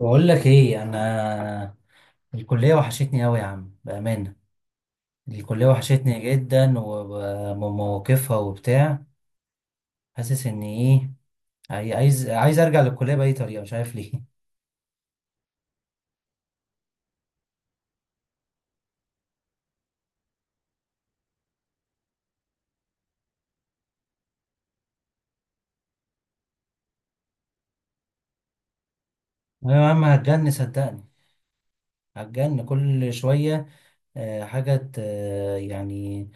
بقول لك ايه انا. الكليه وحشتني قوي يا عم بامانه. الكليه وحشتني جدا ومواقفها وبتاع. حاسس ان ايه، عايز ارجع للكليه باي طريقه، مش عارف ليه. ايوه يا عم هتجن صدقني، هتجن كل شويه. آه، حاجه ت- آه، يعني،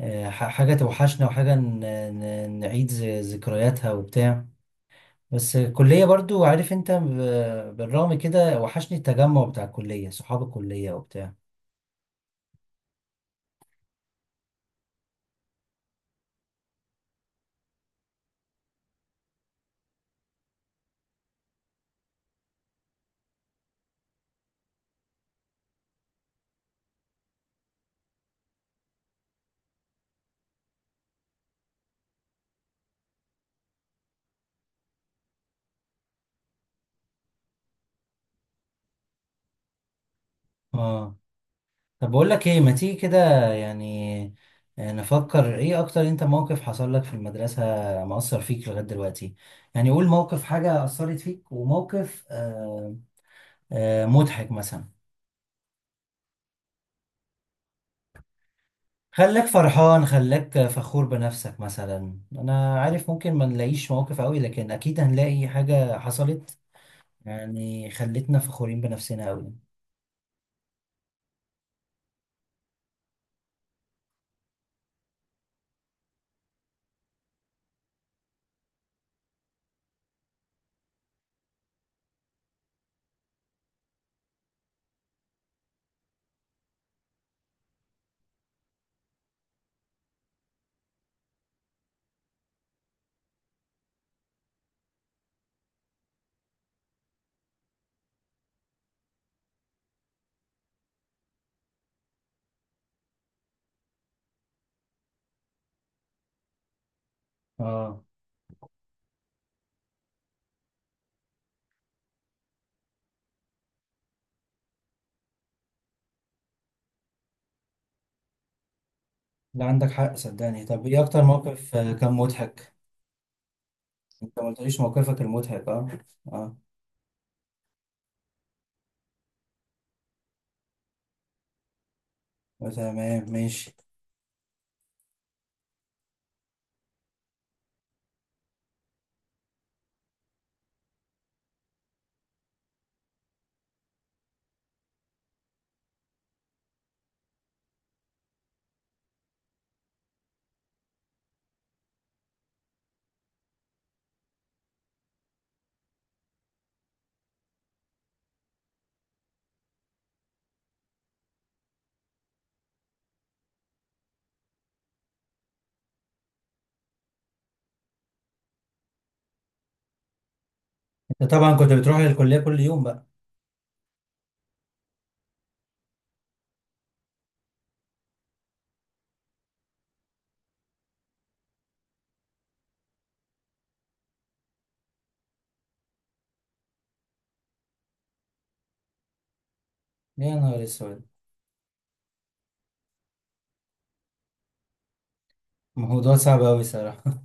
حاجه توحشنا، وحاجه نعيد ذكرياتها وبتاع. بس الكليه برضو عارف انت، بالرغم كده وحشني التجمع بتاع الكليه، صحاب الكليه وبتاع. اه طب بقول لك ايه، ما تيجي كده يعني، نفكر ايه اكتر. انت موقف حصل لك في المدرسة مأثر فيك لغاية دلوقتي، يعني قول موقف، حاجة أثرت فيك، وموقف آه مضحك مثلا. خلاك فرحان، خلاك فخور بنفسك مثلا، انا عارف ممكن ما نلاقيش مواقف قوي، لكن اكيد هنلاقي حاجة حصلت يعني خلتنا فخورين بنفسنا قوي. اه. لا عندك حق صدقني. طب ايه اكتر موقف كان مضحك؟ انت ما قلتليش موقفك المضحك. اه. اه تمام ماشي. انت طبعا كنت بتروح للكلية كل يوم بقى. يا نهار اسود. موضوع صعب أوي صراحة.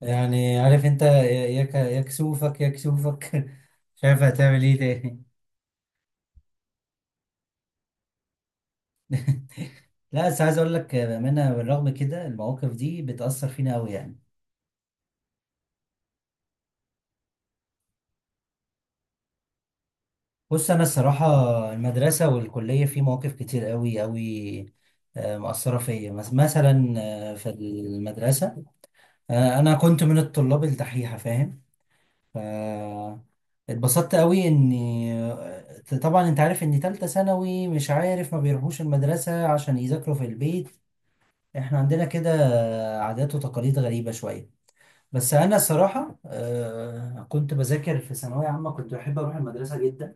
يعني عارف انت يا، يا كسوفك، يا كسوفك. مش عارف هتعمل ايه تاني. لا بس عايز اقول لك بأمانة، بالرغم كده المواقف دي بتأثر فينا أوي يعني. بص أنا الصراحة، المدرسة والكلية في مواقف كتير أوي أوي مأثرة فيا. مثلا في المدرسة، أنا كنت من الطلاب الدحيحة فاهم. ف اتبسطت قوي اني، طبعا انت عارف ان تالتة ثانوي مش عارف ما بيروحوش المدرسة عشان يذاكروا في البيت. احنا عندنا كده عادات وتقاليد غريبة شوية. بس انا الصراحة كنت بذاكر في ثانوية عامة، كنت بحب اروح المدرسة جدا،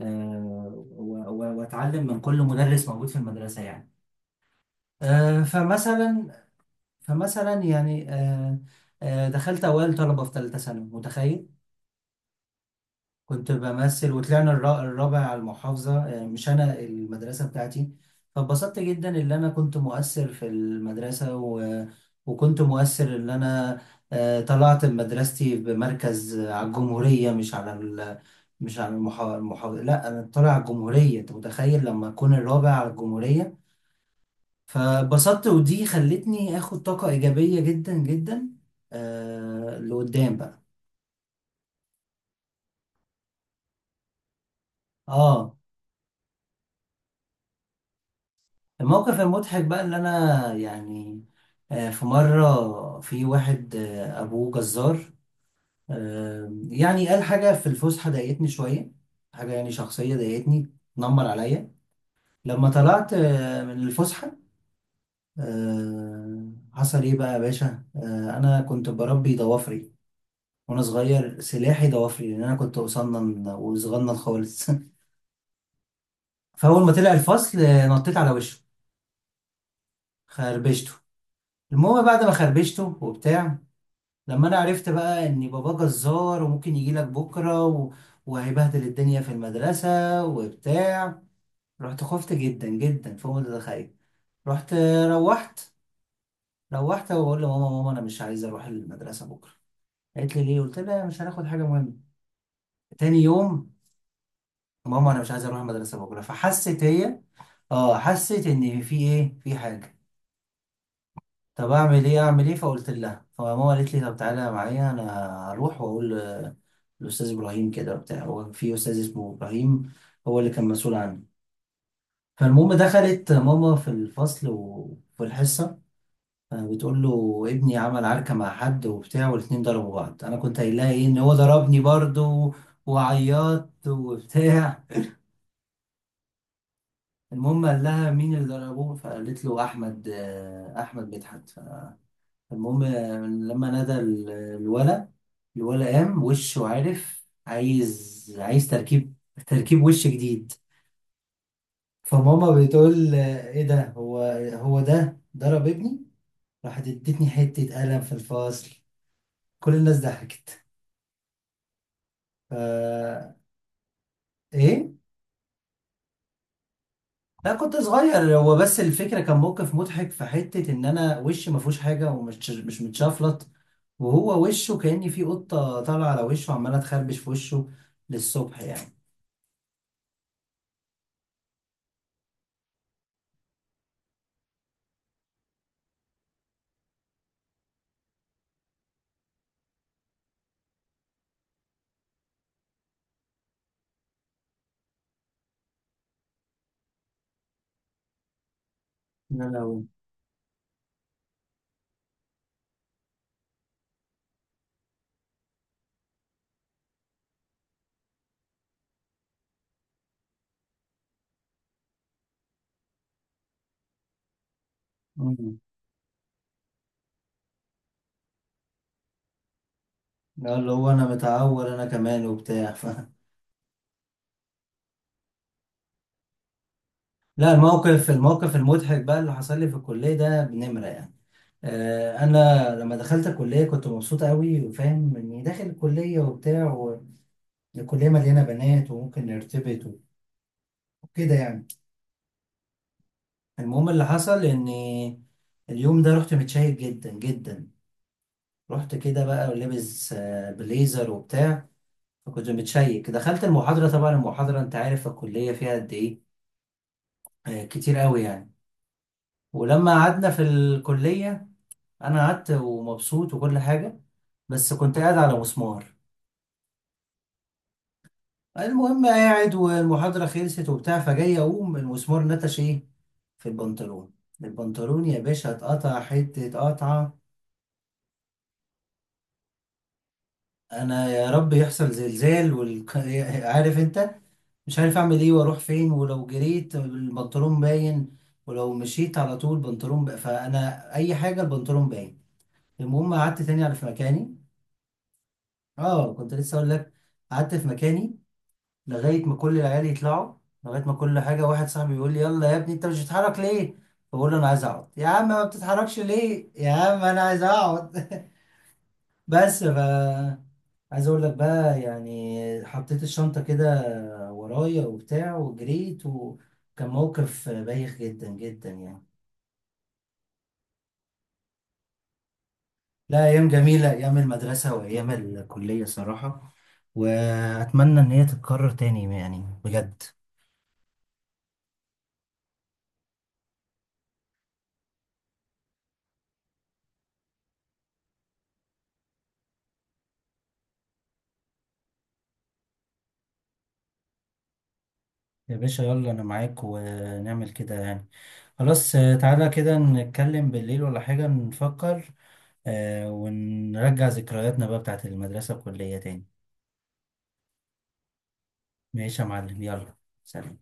واتعلم من كل مدرس موجود في المدرسة يعني. آه، فمثلا فمثلا يعني دخلت اوائل طلبة في تالتة ثانوي متخيل. كنت بمثل وطلعنا الرابع على المحافظة، يعني مش أنا، المدرسة بتاعتي. فاتبسطت جدا إن أنا كنت مؤثر في المدرسة و... وكنت مؤثر إن أنا طلعت مدرستي بمركز على الجمهورية، مش على ال... مش على المحا... المحافظة، لا أنا طالع على الجمهورية. أنت متخيل لما أكون الرابع على الجمهورية؟ فبسطت ودي خلتني آخد طاقة إيجابية جدا جدا آه لقدام بقى. اه. الموقف المضحك بقى اللي انا يعني، في مرة في واحد ابوه جزار، يعني قال حاجة في الفسحة ضايقتني شوية، حاجة يعني شخصية ضايقتني، نمر عليا. لما طلعت من الفسحة، حصل ايه بقى يا باشا، انا كنت بربي ضوافري وانا صغير، سلاحي ضوافري لان انا كنت قصنن وصغنن خالص. فاول ما طلع الفصل، نطيت على وشه، خربشته. المهم بعد ما خربشته وبتاع، لما انا عرفت بقى ان بابا جزار وممكن يجي لك بكره و... وهيبهدل الدنيا في المدرسه وبتاع، رحت خفت جدا جدا فوق ما تتخيل. رحت روحت روحت وبقول لماما: ماما انا مش عايز اروح المدرسه بكره. قالت لي ليه؟ قلت لها مش هناخد حاجه مهمه. تاني يوم: ماما انا مش عايز اروح المدرسه بكره. فحست هي، اه، حست ان في ايه، في حاجه. طب اعمل ايه اعمل ايه؟ فقلت لها، فماما قالت لي طب تعالى معايا انا، هروح واقول للاستاذ ابراهيم كده وبتاع. هو في استاذ اسمه ابراهيم، هو اللي كان مسؤول عني. فالمهم دخلت ماما في الفصل وفي الحصه، بتقول له ابني عمل عركه مع حد وبتاع، والاتنين ضربوا بعض. انا كنت قايل لها ايه، ان هو ضربني برضه وعيطت وبتاع. المهم قال لها مين اللي ضربه؟ فقالت له احمد، احمد مدحت. المهم لما نادى الولا، الولا قام وشه عارف عايز، تركيب، تركيب وش جديد. فماما بتقول ايه ده، هو ده ضرب ابني؟ راحت ادتني حتة قلم في الفصل. كل الناس ضحكت. ف ايه لا كنت صغير، هو بس الفكرة كان موقف مضحك في حتة ان انا وشي ما فيهوش حاجة ومش مش متشفلط، وهو وشه كأني في قطة طالعة على وشه وعمالة تخربش في وشه للصبح يعني. يا لهوي. مم. لا اللي هو انا متعور انا كمان وبتاع ف... لا الموقف، الموقف المضحك بقى اللي حصل لي في الكليه ده بنمره يعني. انا لما دخلت الكليه كنت مبسوط قوي وفاهم اني داخل الكليه وبتاع، والكليه مليانه بنات وممكن نرتبط وكده يعني. المهم اللي حصل اني اليوم ده رحت متشيك جدا جدا، رحت كده بقى ولابس بليزر وبتاع. فكنت متشيك دخلت المحاضره، طبعا المحاضره انت عارف الكليه فيها قد ايه، كتير قوي يعني. ولما قعدنا في الكلية أنا قعدت ومبسوط وكل حاجة، بس كنت قاعد على مسمار. المهم قاعد والمحاضرة خلصت وبتاع، فجاي أقوم المسمار نتش إيه في البنطلون. البنطلون يا باشا اتقطع حتة قطعة. أنا يا رب يحصل زلزال وال... عارف أنت، مش عارف أعمل إيه وأروح فين، ولو جريت البنطلون باين، ولو مشيت على طول بنطلون ب... فأنا أي حاجة البنطلون باين. المهم قعدت تاني على في مكاني. اه كنت لسه اقول لك، قعدت في مكاني لغايه ما كل العيال يطلعوا، لغايه ما كل حاجه، واحد صاحبي يقول لي يلا يا ابني انت مش بتتحرك ليه؟ بقول له انا عايز اقعد يا عم، ما بتتحركش ليه يا عم، انا عايز اقعد. بس ف عايز اقول لك بقى يعني، حطيت الشنطه كده ورايا وبتاع وجريت، وكان موقف بايخ جدا جدا يعني. لا ايام جميله، ايام المدرسه وايام الكليه صراحه، واتمنى ان هي تتكرر تاني يعني بجد. يا باشا يلا انا معاك ونعمل كده يعني، خلاص تعالى كده نتكلم بالليل ولا حاجة نفكر، ونرجع ذكرياتنا بقى بتاعت المدرسة والكلية تاني. ماشي يا معلم، يلا، سلام.